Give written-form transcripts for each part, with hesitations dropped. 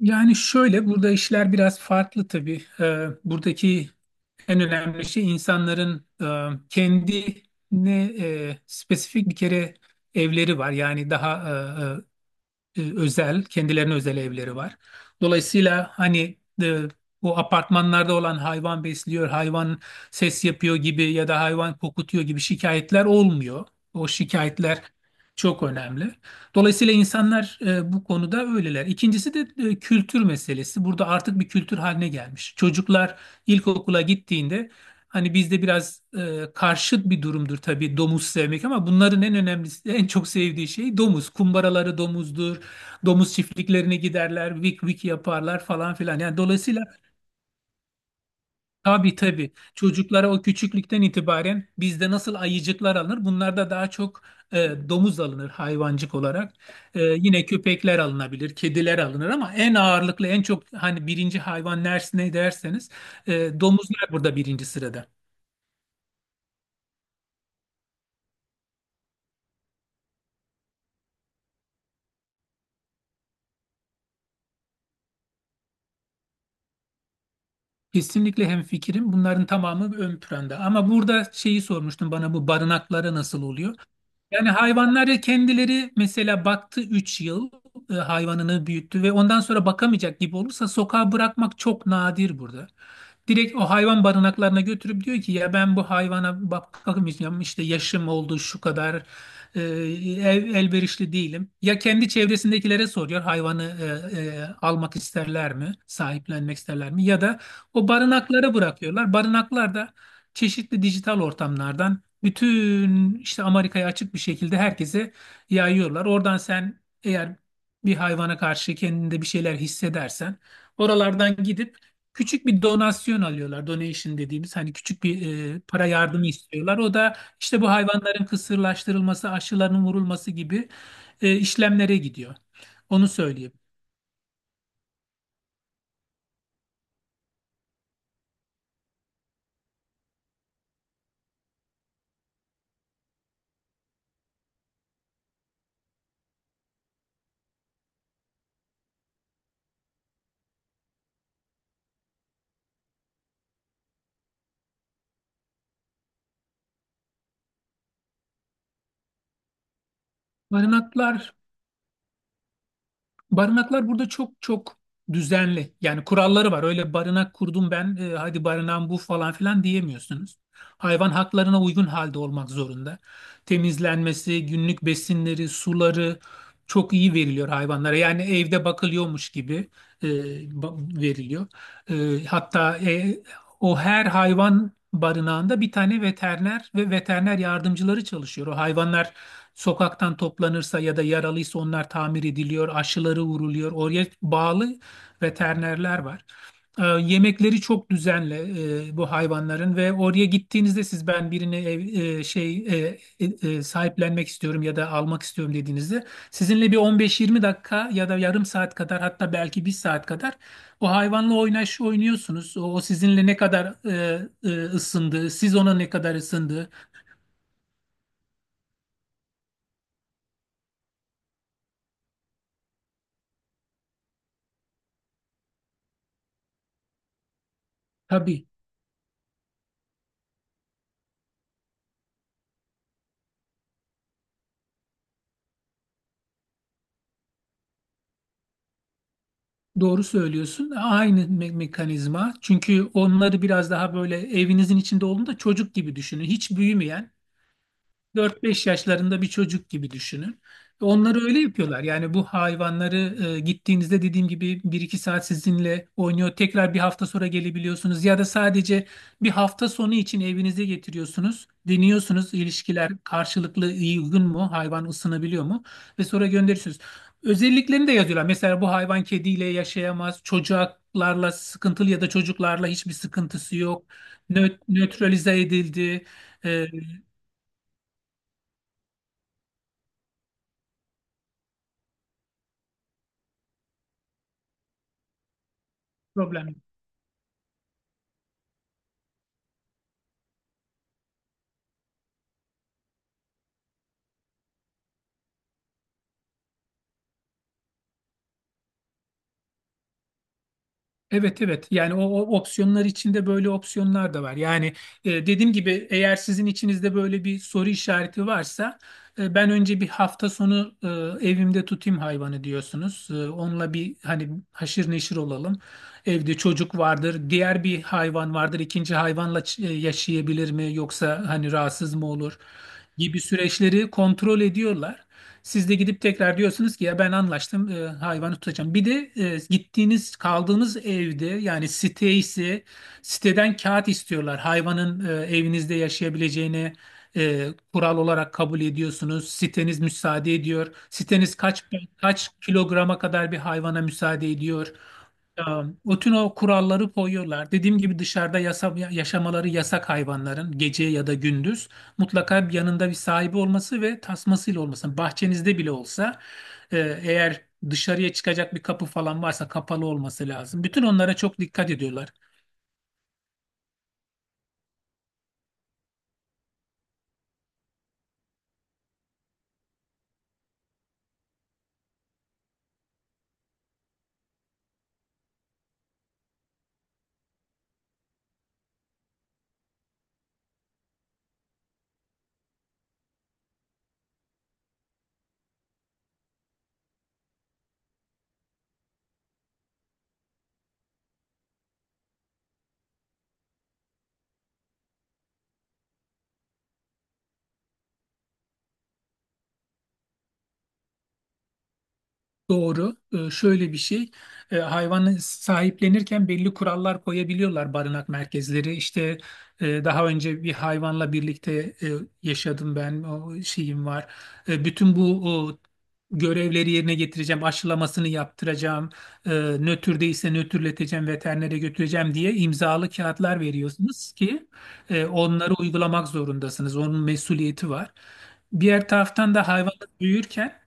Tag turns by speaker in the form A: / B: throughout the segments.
A: Yani şöyle burada işler biraz farklı tabii. Buradaki en önemli şey insanların kendine spesifik bir kere evleri var. Yani daha e, e, özel, kendilerine özel evleri var. Dolayısıyla hani bu apartmanlarda olan hayvan besliyor, hayvan ses yapıyor gibi ya da hayvan kokutuyor gibi şikayetler olmuyor. O şikayetler çok önemli. Dolayısıyla insanlar bu konuda öyleler. İkincisi de kültür meselesi. Burada artık bir kültür haline gelmiş. Çocuklar ilkokula gittiğinde, hani bizde biraz karşıt bir durumdur tabii domuz sevmek ama bunların en önemlisi, en çok sevdiği şey domuz. Kumbaraları domuzdur, domuz çiftliklerine giderler, vik vik yaparlar falan filan. Yani dolayısıyla tabii tabii çocuklara o küçüklükten itibaren bizde nasıl ayıcıklar alınır? Bunlarda daha çok domuz alınır hayvancık olarak. Yine köpekler alınabilir, kediler alınır ama en ağırlıklı, en çok hani birinci hayvan ders ne derseniz domuzlar burada birinci sırada. Kesinlikle hemfikirim. Bunların tamamı ön planda. Ama burada şeyi sormuştum bana, bu barınakları nasıl oluyor? Yani hayvanlar kendileri mesela baktı, 3 yıl hayvanını büyüttü ve ondan sonra bakamayacak gibi olursa sokağa bırakmak çok nadir burada. Direkt o hayvan barınaklarına götürüp diyor ki ya ben bu hayvana bakamayacağım, işte yaşım oldu şu kadar, elverişli değilim. Ya kendi çevresindekilere soruyor hayvanı almak isterler mi, sahiplenmek isterler mi, ya da o barınaklara bırakıyorlar. Barınaklar da çeşitli dijital ortamlardan bütün işte Amerika'ya açık bir şekilde herkese yayıyorlar. Oradan sen eğer bir hayvana karşı kendinde bir şeyler hissedersen oralardan gidip küçük bir donasyon alıyorlar. Donation dediğimiz hani küçük bir para yardımı istiyorlar. O da işte bu hayvanların kısırlaştırılması, aşılarının vurulması gibi işlemlere gidiyor. Onu söyleyeyim. Barınaklar Barınaklar burada çok çok düzenli. Yani kuralları var. Öyle barınak kurdum ben, hadi barınağım bu falan filan diyemiyorsunuz. Hayvan haklarına uygun halde olmak zorunda. Temizlenmesi, günlük besinleri, suları çok iyi veriliyor hayvanlara. Yani evde bakılıyormuş gibi e, veriliyor. Hatta o her hayvan barınağında bir tane veteriner ve veteriner yardımcıları çalışıyor. O hayvanlar sokaktan toplanırsa ya da yaralıysa onlar tamir ediliyor, aşıları vuruluyor. Oraya bağlı veterinerler var. Yemekleri çok düzenli bu hayvanların ve oraya gittiğinizde siz, ben birini sahiplenmek istiyorum ya da almak istiyorum dediğinizde sizinle bir 15-20 dakika ya da yarım saat kadar, hatta belki 1 saat kadar o hayvanla oynuyorsunuz. O sizinle ne kadar ısındı, siz ona ne kadar ısındı. Tabii. Doğru söylüyorsun. Aynı mekanizma. Çünkü onları biraz daha böyle evinizin içinde olduğunda çocuk gibi düşünün. Hiç büyümeyen, 4-5 yaşlarında bir çocuk gibi düşünün. Onları öyle yapıyorlar. Yani bu hayvanları gittiğinizde dediğim gibi 1-2 saat sizinle oynuyor. Tekrar bir hafta sonra gelebiliyorsunuz. Ya da sadece bir hafta sonu için evinize getiriyorsunuz. Deniyorsunuz, ilişkiler karşılıklı iyi, uygun mu? Hayvan ısınabiliyor mu? Ve sonra gönderiyorsunuz. Özelliklerini de yazıyorlar. Mesela bu hayvan kediyle yaşayamaz. Çocuklarla sıkıntılı ya da çocuklarla hiçbir sıkıntısı yok. Nötralize edildi. E, Problem. Evet, evet, yani o opsiyonlar içinde böyle opsiyonlar da var. Yani dediğim gibi eğer sizin içinizde böyle bir soru işareti varsa ben önce bir hafta sonu evimde tutayım hayvanı diyorsunuz. Onunla bir hani haşır neşir olalım. Evde çocuk vardır, diğer bir hayvan vardır. İkinci hayvanla yaşayabilir mi, yoksa hani rahatsız mı olur gibi süreçleri kontrol ediyorlar. Siz de gidip tekrar diyorsunuz ki ya ben anlaştım, hayvanı tutacağım. Bir de gittiğiniz kaldığınız evde, yani site ise siteden kağıt istiyorlar. Hayvanın evinizde yaşayabileceğini kural olarak kabul ediyorsunuz. Siteniz müsaade ediyor. Siteniz kaç kilograma kadar bir hayvana müsaade ediyor. Ya, bütün o kuralları koyuyorlar. Dediğim gibi dışarıda yaşamaları yasak hayvanların, gece ya da gündüz mutlaka bir yanında bir sahibi olması ve tasmasıyla olması. Bahçenizde bile olsa eğer dışarıya çıkacak bir kapı falan varsa kapalı olması lazım. Bütün onlara çok dikkat ediyorlar. Doğru. Şöyle bir şey. Hayvanı sahiplenirken belli kurallar koyabiliyorlar barınak merkezleri. İşte daha önce bir hayvanla birlikte e, yaşadım ben. O şeyim var. Bütün bu o, görevleri yerine getireceğim. Aşılamasını yaptıracağım. E, Nötr değilse nötrleteceğim. Veterinere götüreceğim diye imzalı kağıtlar veriyorsunuz ki onları uygulamak zorundasınız. Onun mesuliyeti var. Diğer taraftan da hayvan büyürken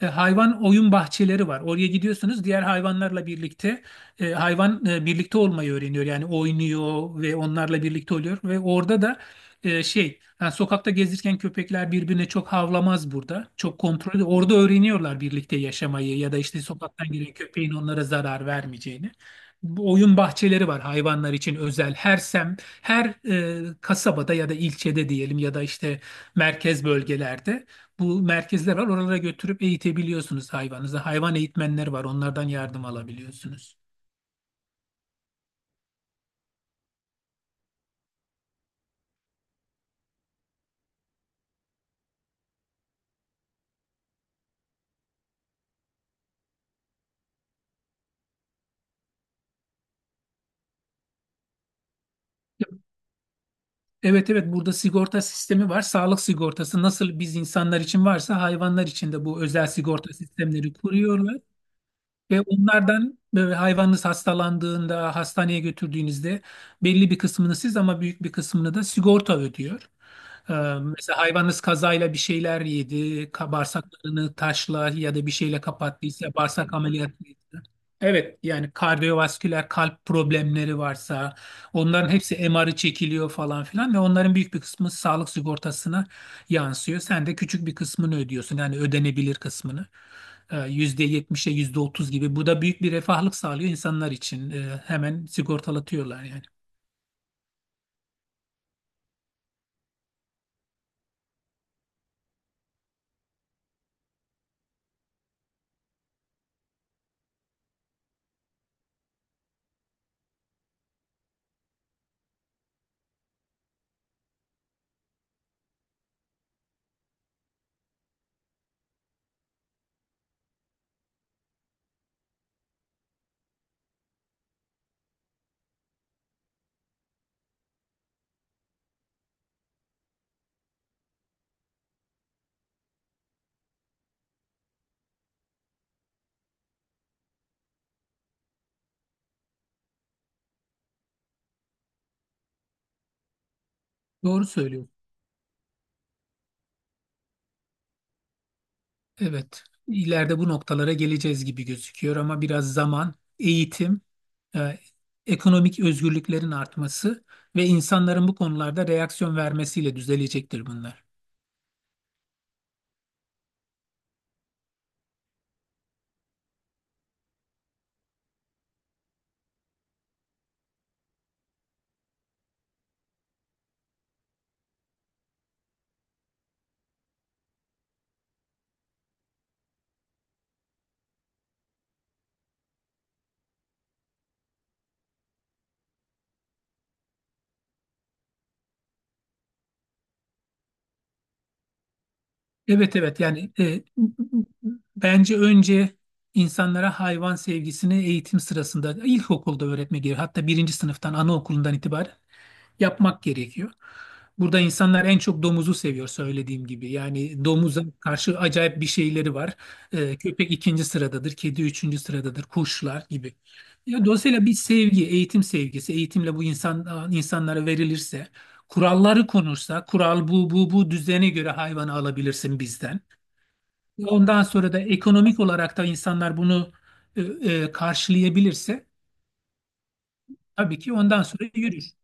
A: hayvan oyun bahçeleri var. Oraya gidiyorsunuz, diğer hayvanlarla birlikte hayvan birlikte olmayı öğreniyor. Yani oynuyor ve onlarla birlikte oluyor ve orada da yani sokakta gezirken köpekler birbirine çok havlamaz burada. Çok kontrol. Orada öğreniyorlar birlikte yaşamayı ya da işte sokaktan giren köpeğin onlara zarar vermeyeceğini. Bu oyun bahçeleri var hayvanlar için özel. Her sem, her e, Kasabada ya da ilçede diyelim, ya da işte merkez bölgelerde bu merkezler var. Oralara götürüp eğitebiliyorsunuz hayvanınızı. Hayvan eğitmenleri var. Onlardan yardım alabiliyorsunuz. Evet, evet, burada sigorta sistemi var. Sağlık sigortası nasıl biz insanlar için varsa hayvanlar için de bu özel sigorta sistemleri kuruyorlar. Ve onlardan böyle, hayvanınız hastalandığında hastaneye götürdüğünüzde belli bir kısmını siz, ama büyük bir kısmını da sigorta ödüyor. Ee, Mesela hayvanınız kazayla bir şeyler yedi, bağırsaklarını taşla ya da bir şeyle kapattıysa bağırsak ameliyatıydı. Evet, yani kardiyovasküler kalp problemleri varsa onların hepsi MR'ı çekiliyor falan filan ve onların büyük bir kısmı sağlık sigortasına yansıyor. Sen de küçük bir kısmını ödüyorsun, yani ödenebilir kısmını. %70'e %30 gibi. Bu da büyük bir refahlık sağlıyor insanlar için. Hemen sigortalatıyorlar yani. Doğru söylüyorsun. Evet, ileride bu noktalara geleceğiz gibi gözüküyor ama biraz zaman, eğitim, e, ekonomik özgürlüklerin artması ve insanların bu konularda reaksiyon vermesiyle düzelecektir bunlar. Evet, evet, yani bence önce insanlara hayvan sevgisini eğitim sırasında ilkokulda öğretme gerekiyor. Hatta birinci sınıftan, anaokulundan itibaren yapmak gerekiyor. Burada insanlar en çok domuzu seviyor söylediğim gibi. Yani domuza karşı acayip bir şeyleri var. Köpek ikinci sıradadır, kedi üçüncü sıradadır, kuşlar gibi. Ya, dolayısıyla bir sevgi, eğitim sevgisi, eğitimle bu insanlara verilirse, kuralları konursa, kural bu düzene göre hayvanı alabilirsin bizden. Ondan sonra da ekonomik olarak da insanlar bunu karşılayabilirse, tabii ki ondan sonra yürür.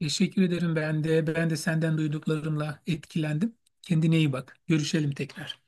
A: Teşekkür ederim ben de. Ben de senden duyduklarımla etkilendim. Kendine iyi bak. Görüşelim tekrar.